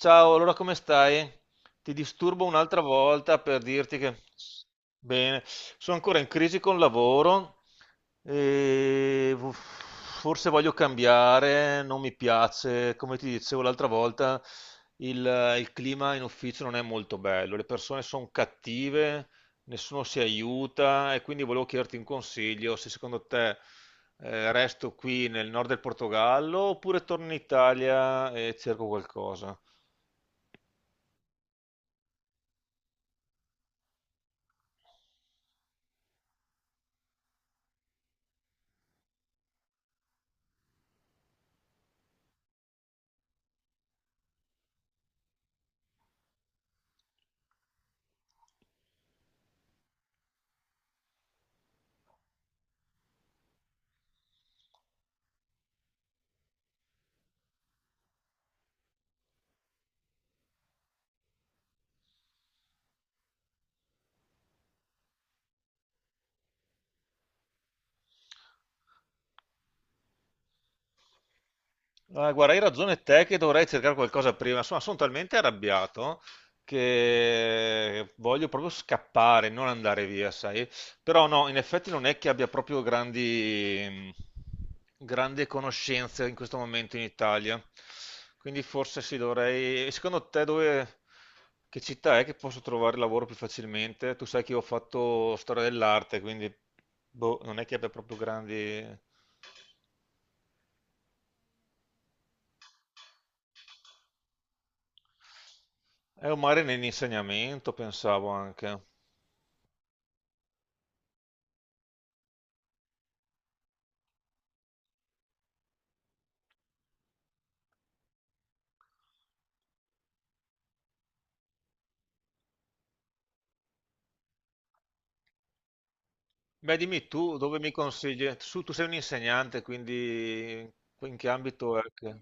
Ciao, allora come stai? Ti disturbo un'altra volta per dirti che... Bene, sono ancora in crisi con il lavoro e forse voglio cambiare, non mi piace, come ti dicevo l'altra volta, il clima in ufficio non è molto bello, le persone sono cattive, nessuno si aiuta e quindi volevo chiederti un consiglio se secondo te resto qui nel nord del Portogallo oppure torno in Italia e cerco qualcosa. Ah, guarda, hai ragione te che dovrei cercare qualcosa prima. Insomma, sono talmente arrabbiato che voglio proprio scappare, non andare via, sai? Però no, in effetti non è che abbia proprio grandi, grandi conoscenze in questo momento in Italia. Quindi forse sì, dovrei... E secondo te dove... Che città è che posso trovare lavoro più facilmente? Tu sai che io ho fatto storia dell'arte, quindi boh, non è che abbia proprio grandi... È un mare nell'insegnamento, pensavo anche. Beh, dimmi tu dove mi consigli? Su, tu sei un insegnante, quindi in che ambito è che...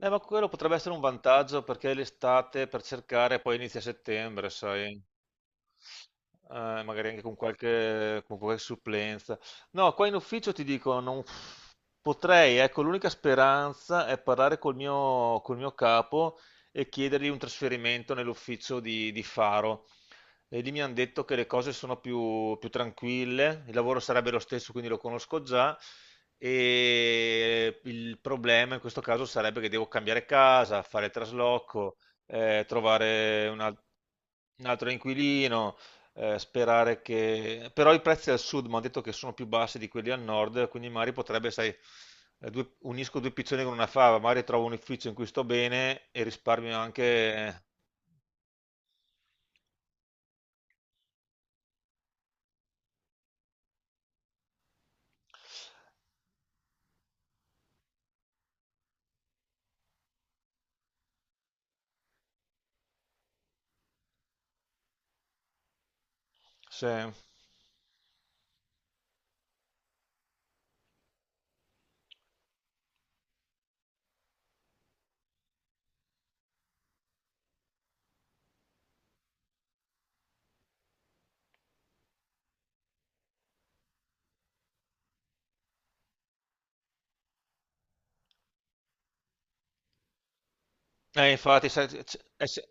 Ma quello potrebbe essere un vantaggio perché è l'estate per cercare, poi inizia settembre, sai? Magari anche con qualche supplenza. No, qua in ufficio ti dico, non potrei, ecco, l'unica speranza è parlare col mio capo e chiedergli un trasferimento nell'ufficio di Faro. E lì mi hanno detto che le cose sono più, più tranquille, il lavoro sarebbe lo stesso, quindi lo conosco già. E il problema in questo caso sarebbe che devo cambiare casa, fare il trasloco, trovare un, un altro inquilino, sperare che... Però i prezzi al sud mi hanno detto che sono più bassi di quelli al nord, quindi magari potrebbe, sai, unisco due piccioni con una fava, magari trovo un ufficio in cui sto bene e risparmio anche... Sì. Infatti, sai, è,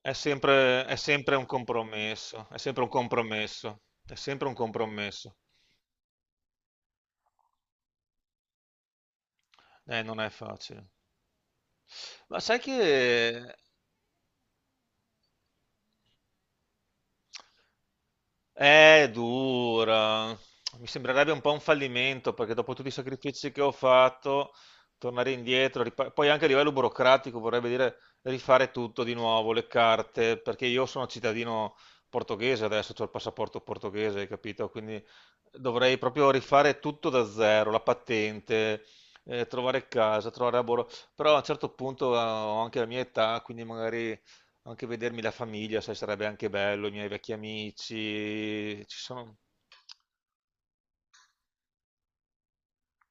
è sempre un compromesso, è sempre un compromesso, è sempre un compromesso. Non è facile. Ma sai che è dura. Mi sembrerebbe un po' un fallimento perché dopo tutti i sacrifici che ho fatto, tornare indietro, poi anche a livello burocratico vorrebbe dire rifare tutto di nuovo, le carte, perché io sono cittadino portoghese adesso, ho il passaporto portoghese, hai capito? Quindi dovrei proprio rifare tutto da zero, la patente, trovare casa, trovare lavoro. Però a un certo punto ho anche la mia età, quindi magari anche vedermi la famiglia, sai, sarebbe anche bello, i miei vecchi amici, ci sono...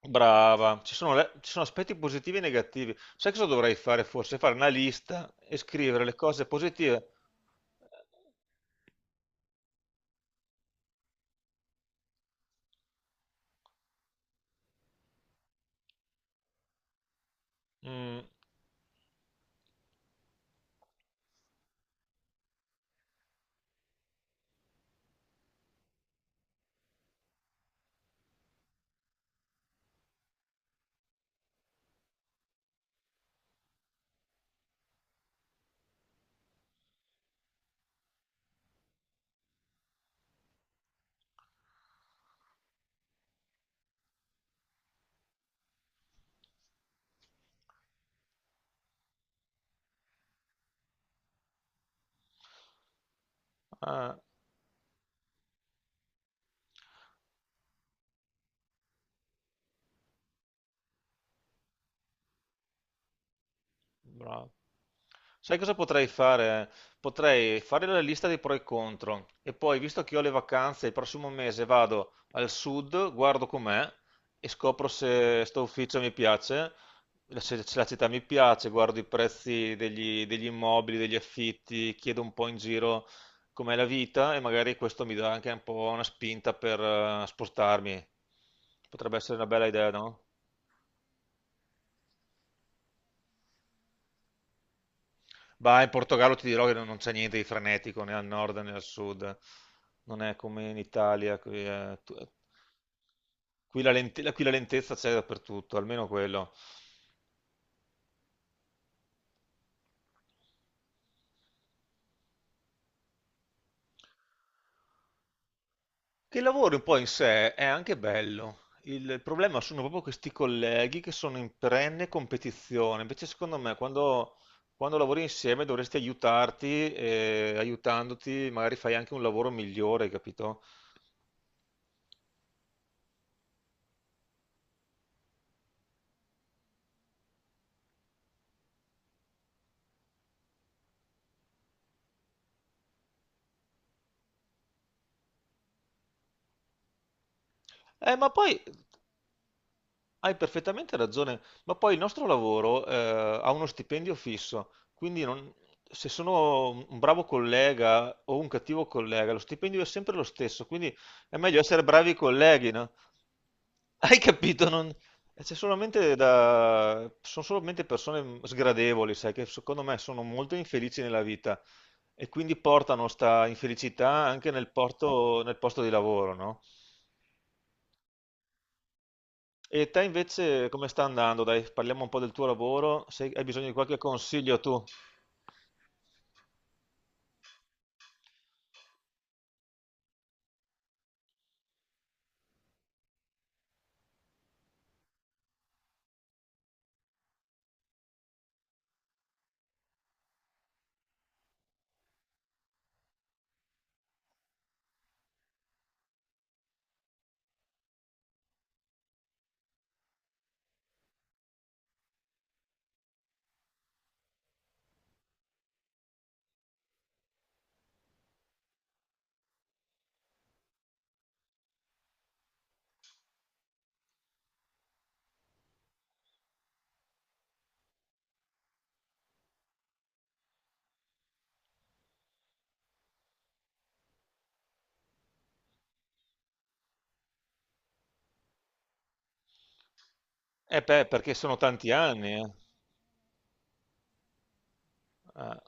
Brava, ci sono, ci sono aspetti positivi e negativi. Sai cosa dovrei fare forse? Fare una lista e scrivere le cose positive. Mm. Ah. Bravo. Sai cosa potrei fare? Potrei fare la lista dei pro e contro e poi, visto che ho le vacanze, il prossimo mese vado al sud, guardo com'è e scopro se sto ufficio mi piace, se la città mi piace, guardo i prezzi degli, degli immobili, degli affitti, chiedo un po' in giro com'è la vita e magari questo mi dà anche un po' una spinta per spostarmi. Potrebbe essere una bella idea, no? Bah, in Portogallo ti dirò che non c'è niente di frenetico né al nord né al sud. Non è come in Italia. Qui, qui la lentezza c'è dappertutto, almeno quello. Che il lavoro un po' in sé è anche bello. Il problema sono proprio questi colleghi che sono in perenne competizione. Invece, secondo me, quando, quando lavori insieme dovresti aiutarti e aiutandoti magari fai anche un lavoro migliore, capito? Ma poi Hai perfettamente ragione, ma poi il nostro lavoro ha uno stipendio fisso, quindi se sono un bravo collega o un cattivo collega, lo stipendio è sempre lo stesso, quindi è meglio essere bravi colleghi, no? Hai capito? C'è solamente da... Sono solamente persone sgradevoli, sai, che secondo me sono molto infelici nella vita e quindi portano sta infelicità anche nel nel posto di lavoro, no? E te invece come sta andando? Dai, parliamo un po' del tuo lavoro. Se hai bisogno di qualche consiglio tu? Eh beh, perché sono tanti anni. Ah.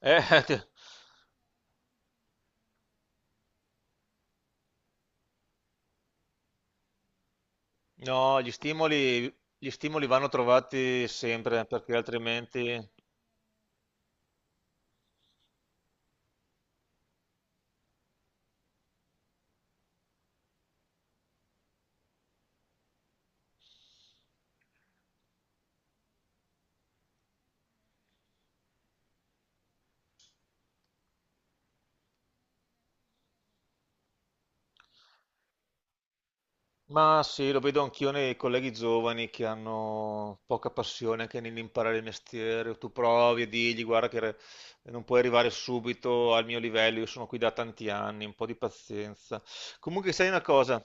Eh, ti- no, gli stimoli vanno trovati sempre, perché altrimenti... Ma sì, lo vedo anch'io nei colleghi giovani che hanno poca passione anche nell'imparare il mestiere. Tu provi e digli, guarda che non puoi arrivare subito al mio livello, io sono qui da tanti anni, un po' di pazienza. Comunque, sai una cosa,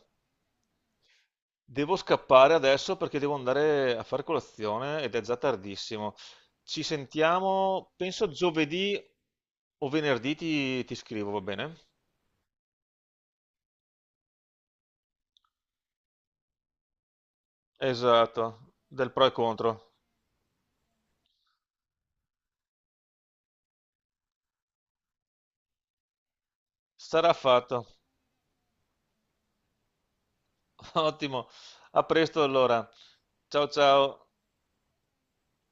devo scappare adesso perché devo andare a fare colazione ed è già tardissimo. Ci sentiamo, penso giovedì o venerdì ti, ti scrivo, va bene? Esatto, del pro e contro. Sarà fatto. Ottimo, a presto allora. Ciao ciao.